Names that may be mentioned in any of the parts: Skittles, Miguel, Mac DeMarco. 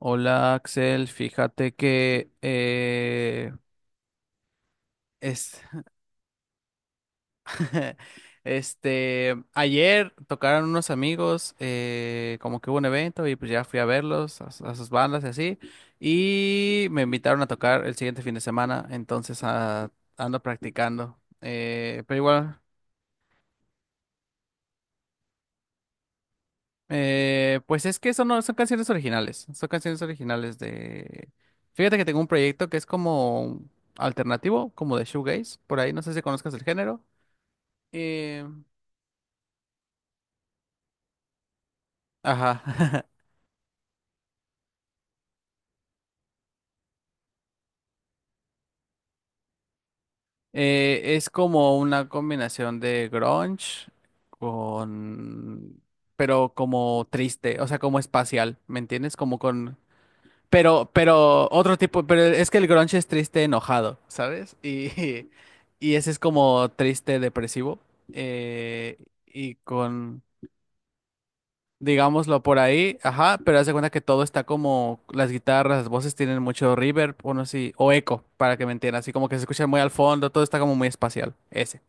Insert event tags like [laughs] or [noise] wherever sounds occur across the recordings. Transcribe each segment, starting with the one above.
Hola Axel, fíjate que es, este ayer tocaron unos amigos, como que hubo un evento y pues ya fui a verlos, a sus bandas y así, y me invitaron a tocar el siguiente fin de semana. Ando practicando, pero igual, pues es que eso no son canciones originales, son canciones originales de, fíjate que tengo un proyecto que es como alternativo, como de shoegaze. Por ahí no sé si conozcas el género. Eh, ajá. [laughs] Es como una combinación de grunge con... pero como triste, o sea, como espacial, ¿me entiendes? Como con... pero otro tipo, pero es que el grunge es triste enojado, ¿sabes? Y, [laughs] y ese es como triste depresivo. eh, y con... digámoslo por ahí, ajá, pero haz de cuenta que todo está como las guitarras, las voces tienen mucho reverb, o no sé, o eco, para que me entiendan, así como que se escucha muy al fondo, todo está como muy espacial, ese.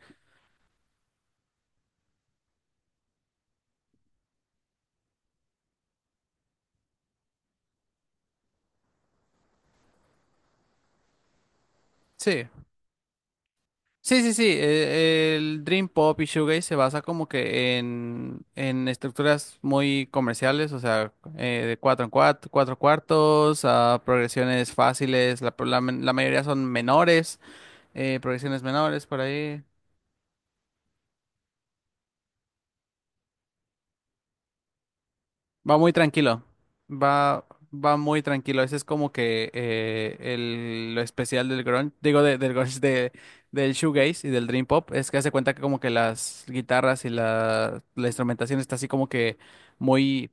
Sí. Sí, sí, sí, el Dream Pop y Shoegaze se basa como que en estructuras muy comerciales, o sea, de cuatro en cuatro, cuatro cuartos, a progresiones fáciles, la mayoría son menores, progresiones menores por ahí. Va muy tranquilo, va, va muy tranquilo. Ese es como que el, lo especial del grunge, digo del grunge de, del shoegaze y del dream pop, es que hace cuenta que como que las guitarras y la instrumentación está así como que muy,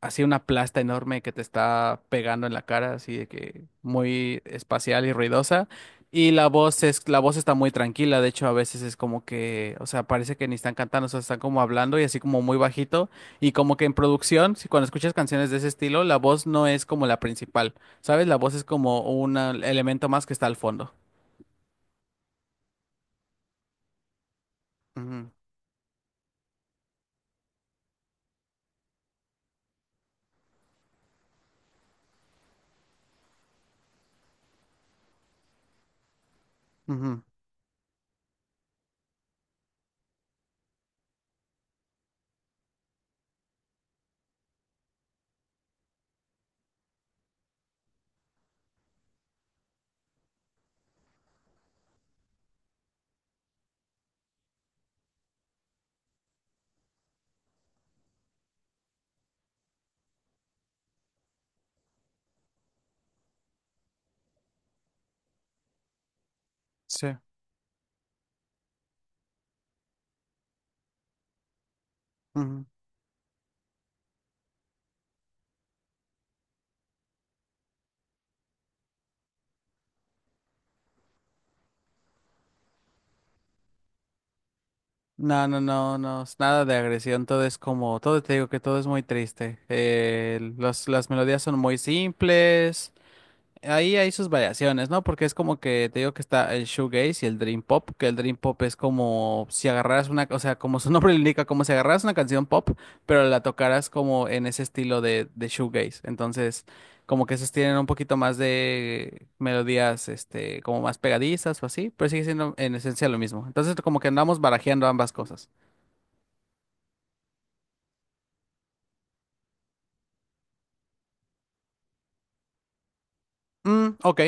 así una plasta enorme que te está pegando en la cara, así de que muy espacial y ruidosa. Y la voz es, la voz está muy tranquila, de hecho a veces es como que, o sea, parece que ni están cantando, o sea, están como hablando y así como muy bajito. Y como que en producción, si cuando escuchas canciones de ese estilo, la voz no es como la principal, ¿sabes? La voz es como un elemento más que está al fondo. Ujú, ujú, sí. Ujú. No, no, no, no, es nada de agresión, todo es como, todo te digo que todo es muy triste. Las melodías son muy simples. Ahí hay sus variaciones, ¿no? Porque es como que te digo que está el shoegaze y el dream pop, que el dream pop es como si agarraras una, o sea, como su [laughs] nombre lo indica, como si agarraras una canción pop, pero la tocaras como en ese estilo de shoegaze. Entonces, como que esos tienen un poquito más de melodías, este, como más pegadizas o así, pero sigue siendo en esencia lo mismo. Entonces, como que andamos barajeando ambas cosas. Mm, ok.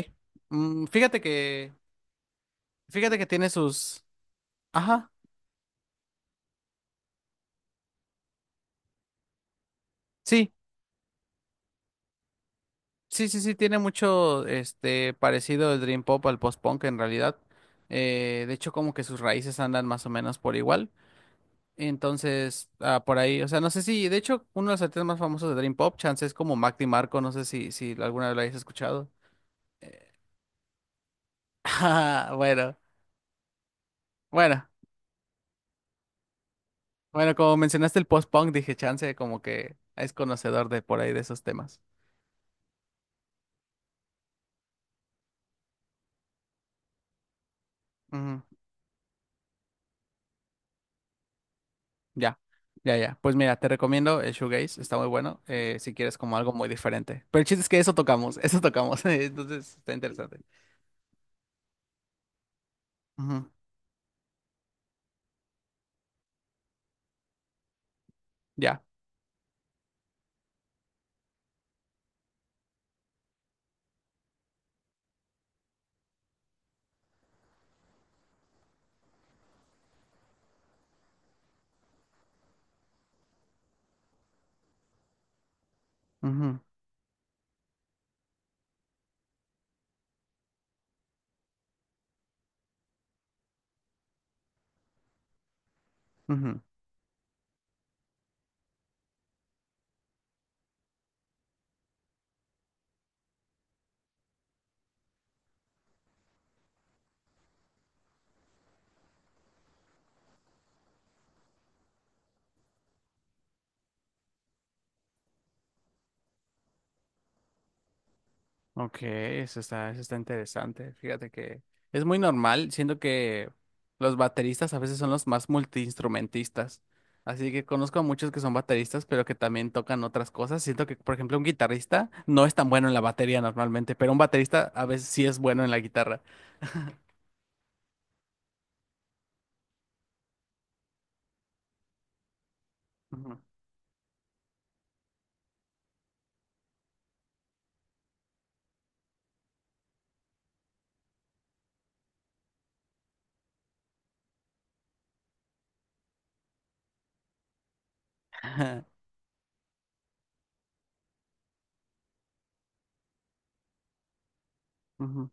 Mm, fíjate que tiene sus, ajá. Sí, sí, sí, sí, tiene mucho este parecido el Dream Pop al post-punk en realidad. De hecho, como que sus raíces andan más o menos por igual. Entonces, por ahí, o sea, no sé si, de hecho, uno de los artistas más famosos de Dream Pop, chance es como Mac DiMarco, no sé si, si alguna vez lo hayas escuchado. [laughs] Ah, bueno, bueno, bueno, como mencionaste el post-punk, dije chance, como que es conocedor de por ahí de esos temas. Ya, ya, ya. Pues mira, te recomiendo el Shoegaze, está muy bueno, si quieres como algo muy diferente. Pero el chiste es que eso tocamos, [laughs] entonces está interesante. Ujú, ya. Ujú, ujú. Ok, eso está interesante. Fíjate que es muy normal, siento que los bateristas a veces son los más multiinstrumentistas. Así que conozco a muchos que son bateristas, pero que también tocan otras cosas. Siento que, por ejemplo, un guitarrista no es tan bueno en la batería normalmente, pero un baterista a veces sí es bueno en la guitarra. Ujú. [laughs] Ujú,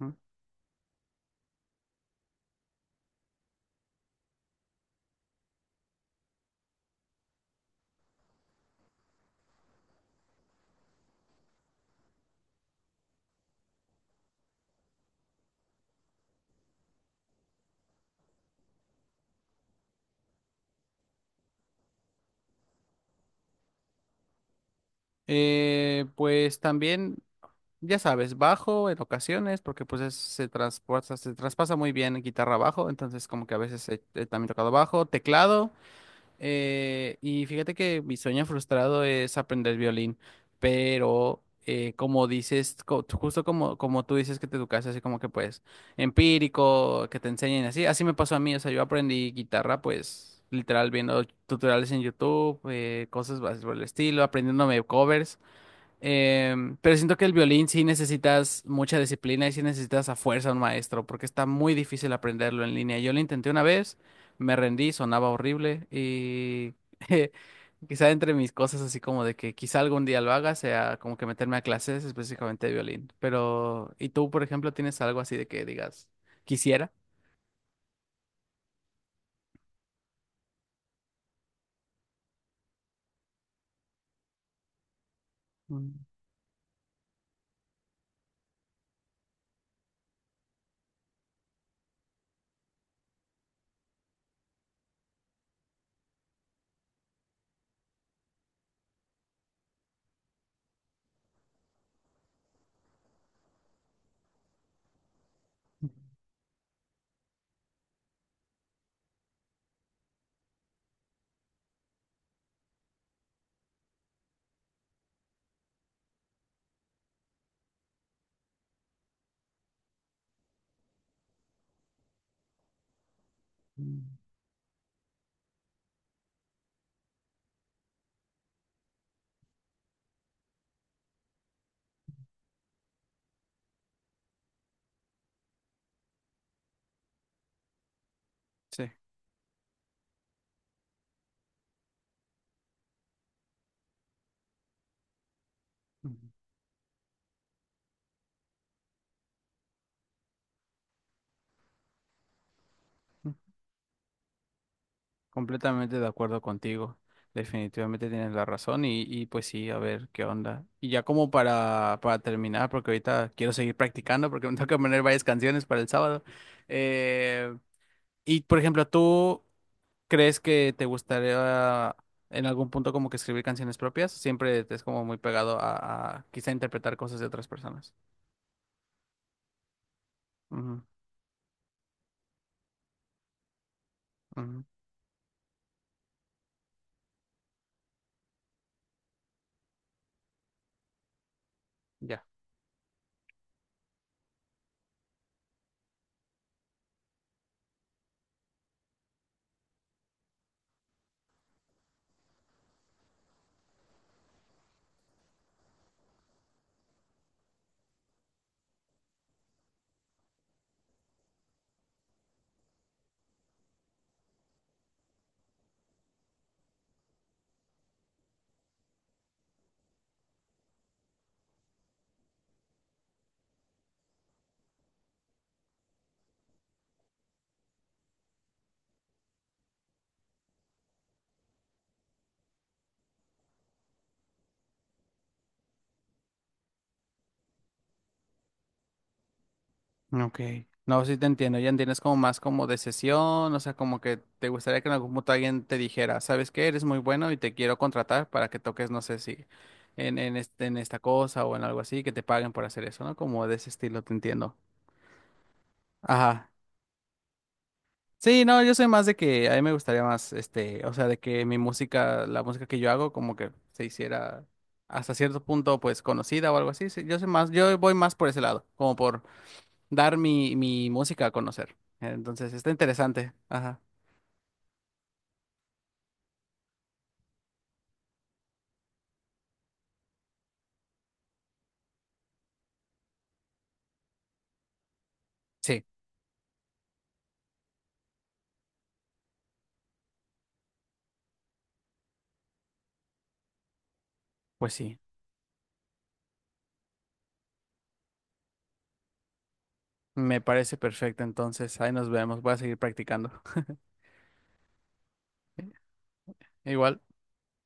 ujú. Pues también, ya sabes, bajo en ocasiones, porque pues se transporta, se traspasa muy bien guitarra bajo, entonces como que a veces he también tocado bajo, teclado. Y fíjate que mi sueño frustrado es aprender violín, pero como dices, justo como, como tú dices que te educaste así como que pues empírico, que te enseñen así, así me pasó a mí, o sea, yo aprendí guitarra pues literal viendo tutoriales en YouTube, cosas así por el estilo, aprendiéndome covers. Pero siento que el violín sí necesitas mucha disciplina y sí necesitas a fuerza un maestro, porque está muy difícil aprenderlo en línea. Yo lo intenté una vez, me rendí, sonaba horrible y [laughs] quizá entre mis cosas así como de que quizá algún día lo haga sea como que meterme a clases específicamente de violín. Pero, ¿y tú, por ejemplo, tienes algo así de que digas, quisiera? Mm, sí. Completamente de acuerdo contigo. Definitivamente tienes la razón y pues sí, a ver qué onda. Y ya como para terminar, porque ahorita quiero seguir practicando porque me [laughs] toca poner varias canciones para el sábado. Eh, y por ejemplo, ¿tú crees que te gustaría en algún punto como que escribir canciones propias? Siempre te es como muy pegado a quizá interpretar cosas de otras personas. Ujú, ujú, ya. Ok. No, sí te entiendo. Ya entiendes como más como de sesión, o sea, como que te gustaría que en algún punto alguien te dijera, ¿sabes qué? Eres muy bueno y te quiero contratar para que toques, no sé si este, en esta cosa o en algo así, que te paguen por hacer eso, ¿no? Como de ese estilo, te entiendo. Ajá. Sí, no, yo soy más de que a mí me gustaría más, este, o sea, de que mi música, la música que yo hago, como que se hiciera hasta cierto punto, pues, conocida o algo así. Sí, yo soy más, yo voy más por ese lado, como por dar mi música a conocer. Entonces, está interesante. Ajá. Sí, pues sí. Me parece perfecto. Entonces, ahí nos vemos. Voy a seguir practicando. [laughs] Igual.